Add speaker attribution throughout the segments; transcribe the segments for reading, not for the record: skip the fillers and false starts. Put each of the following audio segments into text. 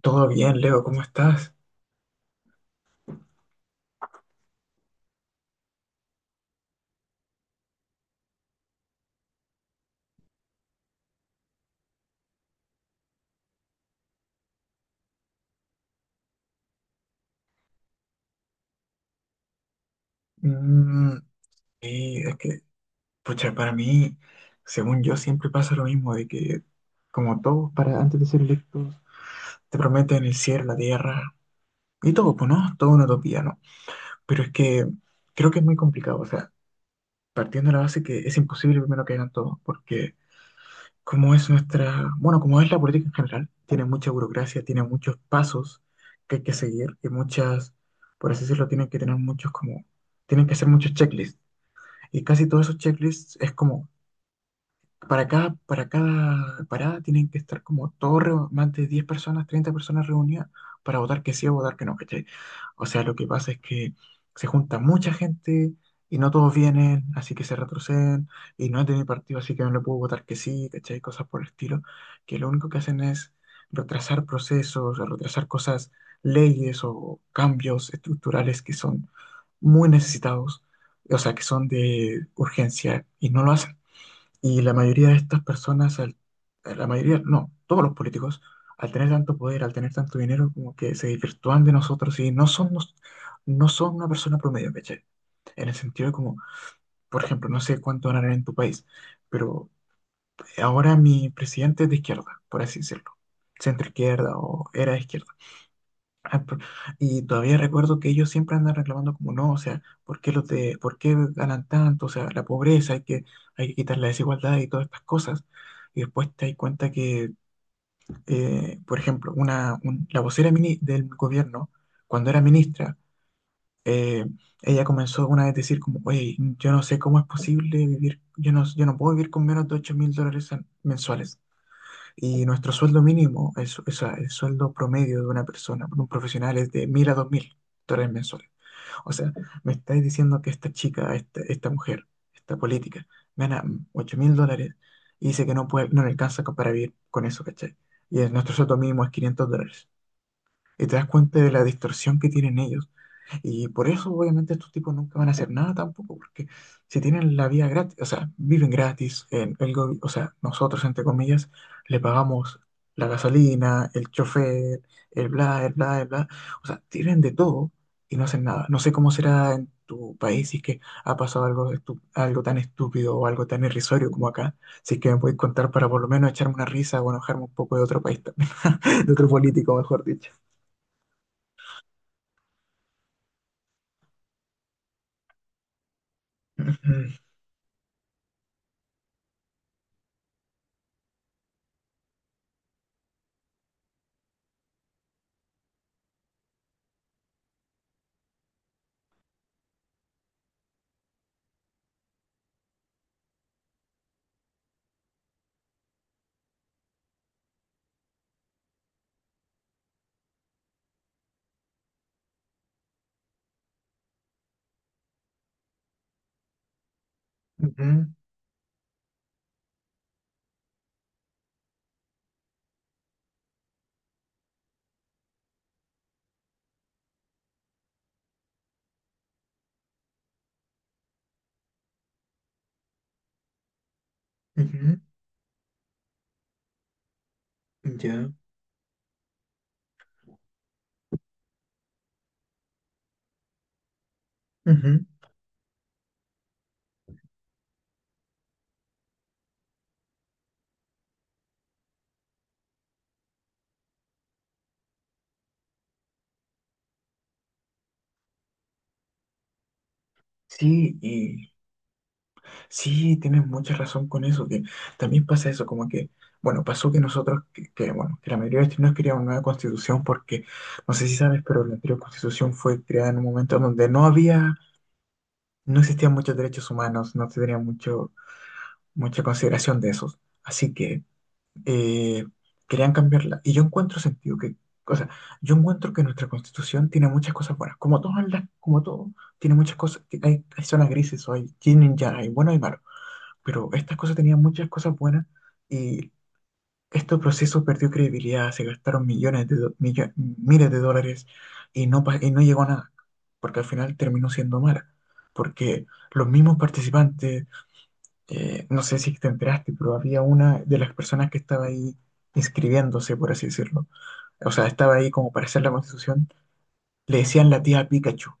Speaker 1: Todo bien, Leo, ¿cómo estás? Mm. Y es que, pucha, para mí, según yo, siempre pasa lo mismo, de que, como todos, para antes de ser electos, te prometen el cielo, la tierra, y todo, pues, ¿no? Todo una utopía, ¿no? Pero es que creo que es muy complicado, o sea, partiendo de la base que es imposible primero que hagan todo, porque como es nuestra, bueno, como es la política en general, tiene mucha burocracia, tiene muchos pasos que hay que seguir, y muchas, por así decirlo, tienen que tener muchos como, tienen que hacer muchos checklists. Y casi todos esos checklists es como para cada parada tienen que estar como todos, más de 10 personas, 30 personas reunidas para votar que sí o votar que no, ¿cachai? O sea, lo que pasa es que se junta mucha gente y no todos vienen, así que se retroceden y no es de mi partido, así que no le puedo votar que sí, ¿cachai? Cosas por el estilo, que lo único que hacen es retrasar procesos, retrasar cosas, leyes o cambios estructurales que son muy necesitados, o sea, que son de urgencia y no lo hacen. Y la mayoría de estas personas, la mayoría, no, todos los políticos, al tener tanto poder, al tener tanto dinero, como que se desvirtúan de nosotros y no son, no son una persona promedio, ¿cachai? En el sentido de como, por ejemplo, no sé cuánto ganarán en tu país, pero ahora mi presidente es de izquierda, por así decirlo, centro izquierda o era de izquierda. Ah, y todavía recuerdo que ellos siempre andan reclamando como no, o sea, ¿por qué los de, por qué ganan tanto? O sea, la pobreza, hay que quitar la desigualdad y todas estas cosas. Y después te das cuenta que, por ejemplo, la vocera del gobierno, cuando era ministra, eh, ella comenzó una vez a decir como, oye, yo no sé cómo es posible vivir, yo no, yo no puedo vivir con menos de 8.000 dólares mensuales. Y nuestro sueldo mínimo, es, o sea, el sueldo promedio de una persona, de un profesional, es de 1.000 a 2.000 dólares mensuales. O sea, me estáis diciendo que esta chica, esta mujer, esta política, gana 8.000 dólares y dice que no puede, no le alcanza para vivir con eso, ¿cachai? Y nuestro sueldo mínimo es 500 dólares. Y te das cuenta de la distorsión que tienen ellos y por eso, obviamente, estos tipos nunca van a hacer nada tampoco, porque si tienen la vida gratis, o sea, viven gratis, o sea, nosotros, entre comillas, le pagamos la gasolina, el chofer, el bla, el bla, el bla, o sea, tienen de todo y no hacen nada. No sé cómo será en tu país si es que ha pasado algo, algo tan estúpido o algo tan irrisorio como acá, si es que me podéis contar para por lo menos echarme una risa o enojarme un poco de otro país también, de otro político, mejor dicho. Ujú, ujú, ujú. Ya. Ujú. Sí, y sí, tienes mucha razón con eso, que también pasa eso, como que, bueno, pasó que nosotros, que, bueno, que la mayoría de los chilenos querían una nueva constitución porque, no sé si sabes, pero la anterior constitución fue creada en un momento donde no había, no existían muchos derechos humanos, no se tenía mucho, mucha consideración de esos. Así que eh, querían cambiarla. Y yo encuentro sentido que, o sea, yo encuentro que nuestra constitución tiene muchas cosas buenas, como todas las, como todo, tiene muchas cosas, hay, hay zonas grises, o hay yin y yang, hay bueno y malo, pero estas cosas tenían muchas cosas buenas y este proceso perdió credibilidad, se gastaron millones de, do- millo- miles de dólares y y no llegó a nada, porque al final terminó siendo mala, porque los mismos participantes no sé si te enteraste, pero había una de las personas que estaba ahí inscribiéndose, por así decirlo. O sea, estaba ahí como para hacer la constitución. Le decían la tía Pikachu,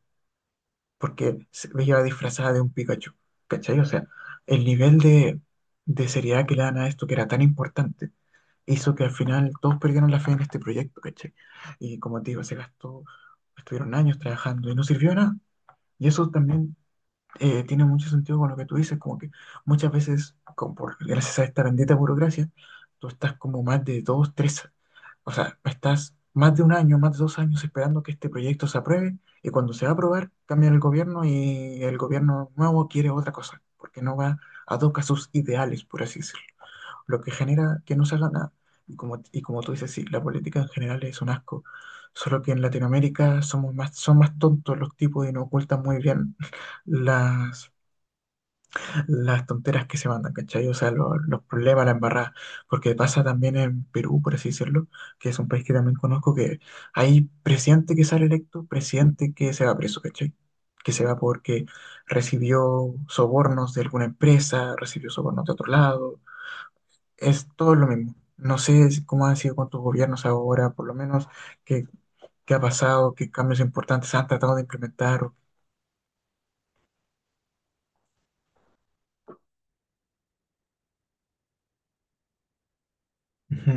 Speaker 1: porque se veía disfrazada de un Pikachu. ¿Cachai? O sea, el nivel de seriedad que le dan a esto, que era tan importante, hizo que al final todos perdieron la fe en este proyecto, ¿cachai? Y como te digo, se gastó, estuvieron años trabajando y no sirvió de nada. Y eso también tiene mucho sentido con lo que tú dices, como que muchas veces, como por, gracias a esta bendita burocracia, tú estás como más de dos, tres, o sea, estás más de un año, más de 2 años esperando que este proyecto se apruebe y cuando se va a aprobar, cambia el gobierno y el gobierno nuevo quiere otra cosa, porque no va a tocar sus ideales, por así decirlo, lo que genera que no se haga nada. Y como tú dices, sí, la política en general es un asco, solo que en Latinoamérica somos más, son más tontos los tipos y nos ocultan muy bien las, las tonteras que se mandan, ¿cachai? O sea, los problemas, la embarrada. Porque pasa también en Perú, por así decirlo, que es un país que también conozco, que hay presidente que sale electo, presidente que se va preso, ¿cachai? Que se va porque recibió sobornos de alguna empresa, recibió sobornos de otro lado. Es todo lo mismo. No sé cómo han sido con tus gobiernos ahora, por lo menos, qué, qué ha pasado, qué cambios importantes han tratado de implementar. Ujú,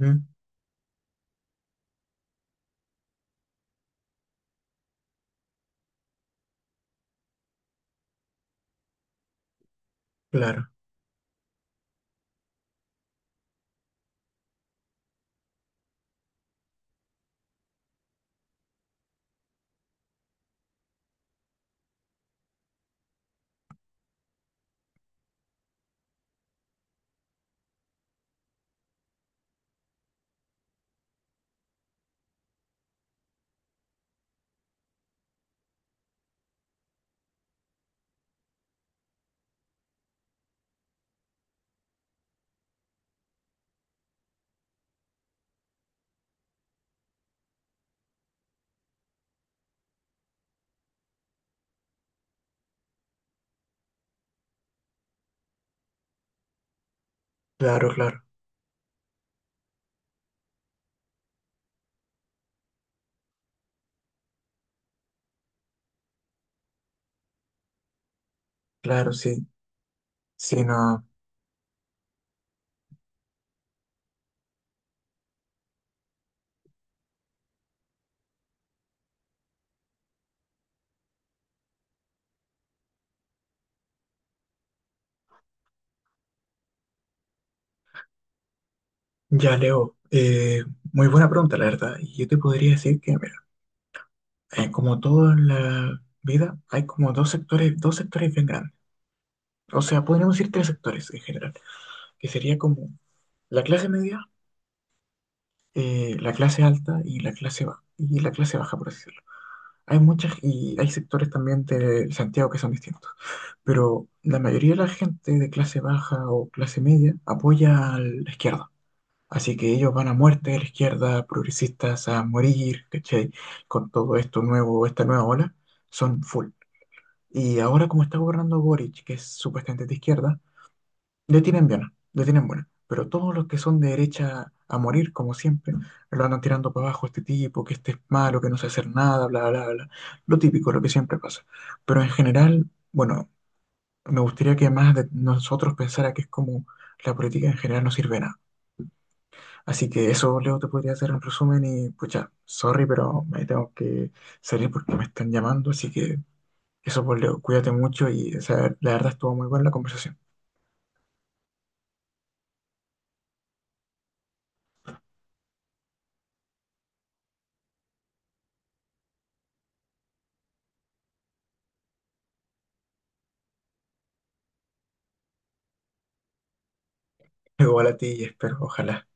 Speaker 1: ujú. Claro, claro, claro. Claro, sí, sí, no. Ya, Leo, muy buena pregunta, la verdad. Y yo te podría decir que, mira, como toda la vida, hay como dos sectores bien grandes. O sea, podríamos decir tres sectores en general, que sería como la clase media, la clase alta y la clase baja, y la clase baja, por así decirlo. Hay muchas, y hay sectores también de Santiago que son distintos. Pero la mayoría de la gente de clase baja o clase media apoya a la izquierda. Así que ellos van a muerte, la izquierda, progresistas a morir, ¿cachai? Con todo esto nuevo, esta nueva ola, son full. Y ahora como está gobernando Boric, que es supuestamente de izquierda, le tienen bien, le tienen buena. Pero todos los que son de derecha a morir, como siempre, lo andan tirando para abajo, este tipo, que este es malo, que no sabe hacer nada, bla, bla, bla. Lo típico, lo que siempre pasa. Pero en general, bueno, me gustaría que más de nosotros pensara que es como la política en general no sirve de nada. Así que eso, Leo, te podría hacer un resumen y pucha, sorry, pero me tengo que salir porque me están llamando, así que eso, pues, Leo, cuídate mucho y o sea, la verdad estuvo muy buena la conversación. Igual a ti y espero, ojalá.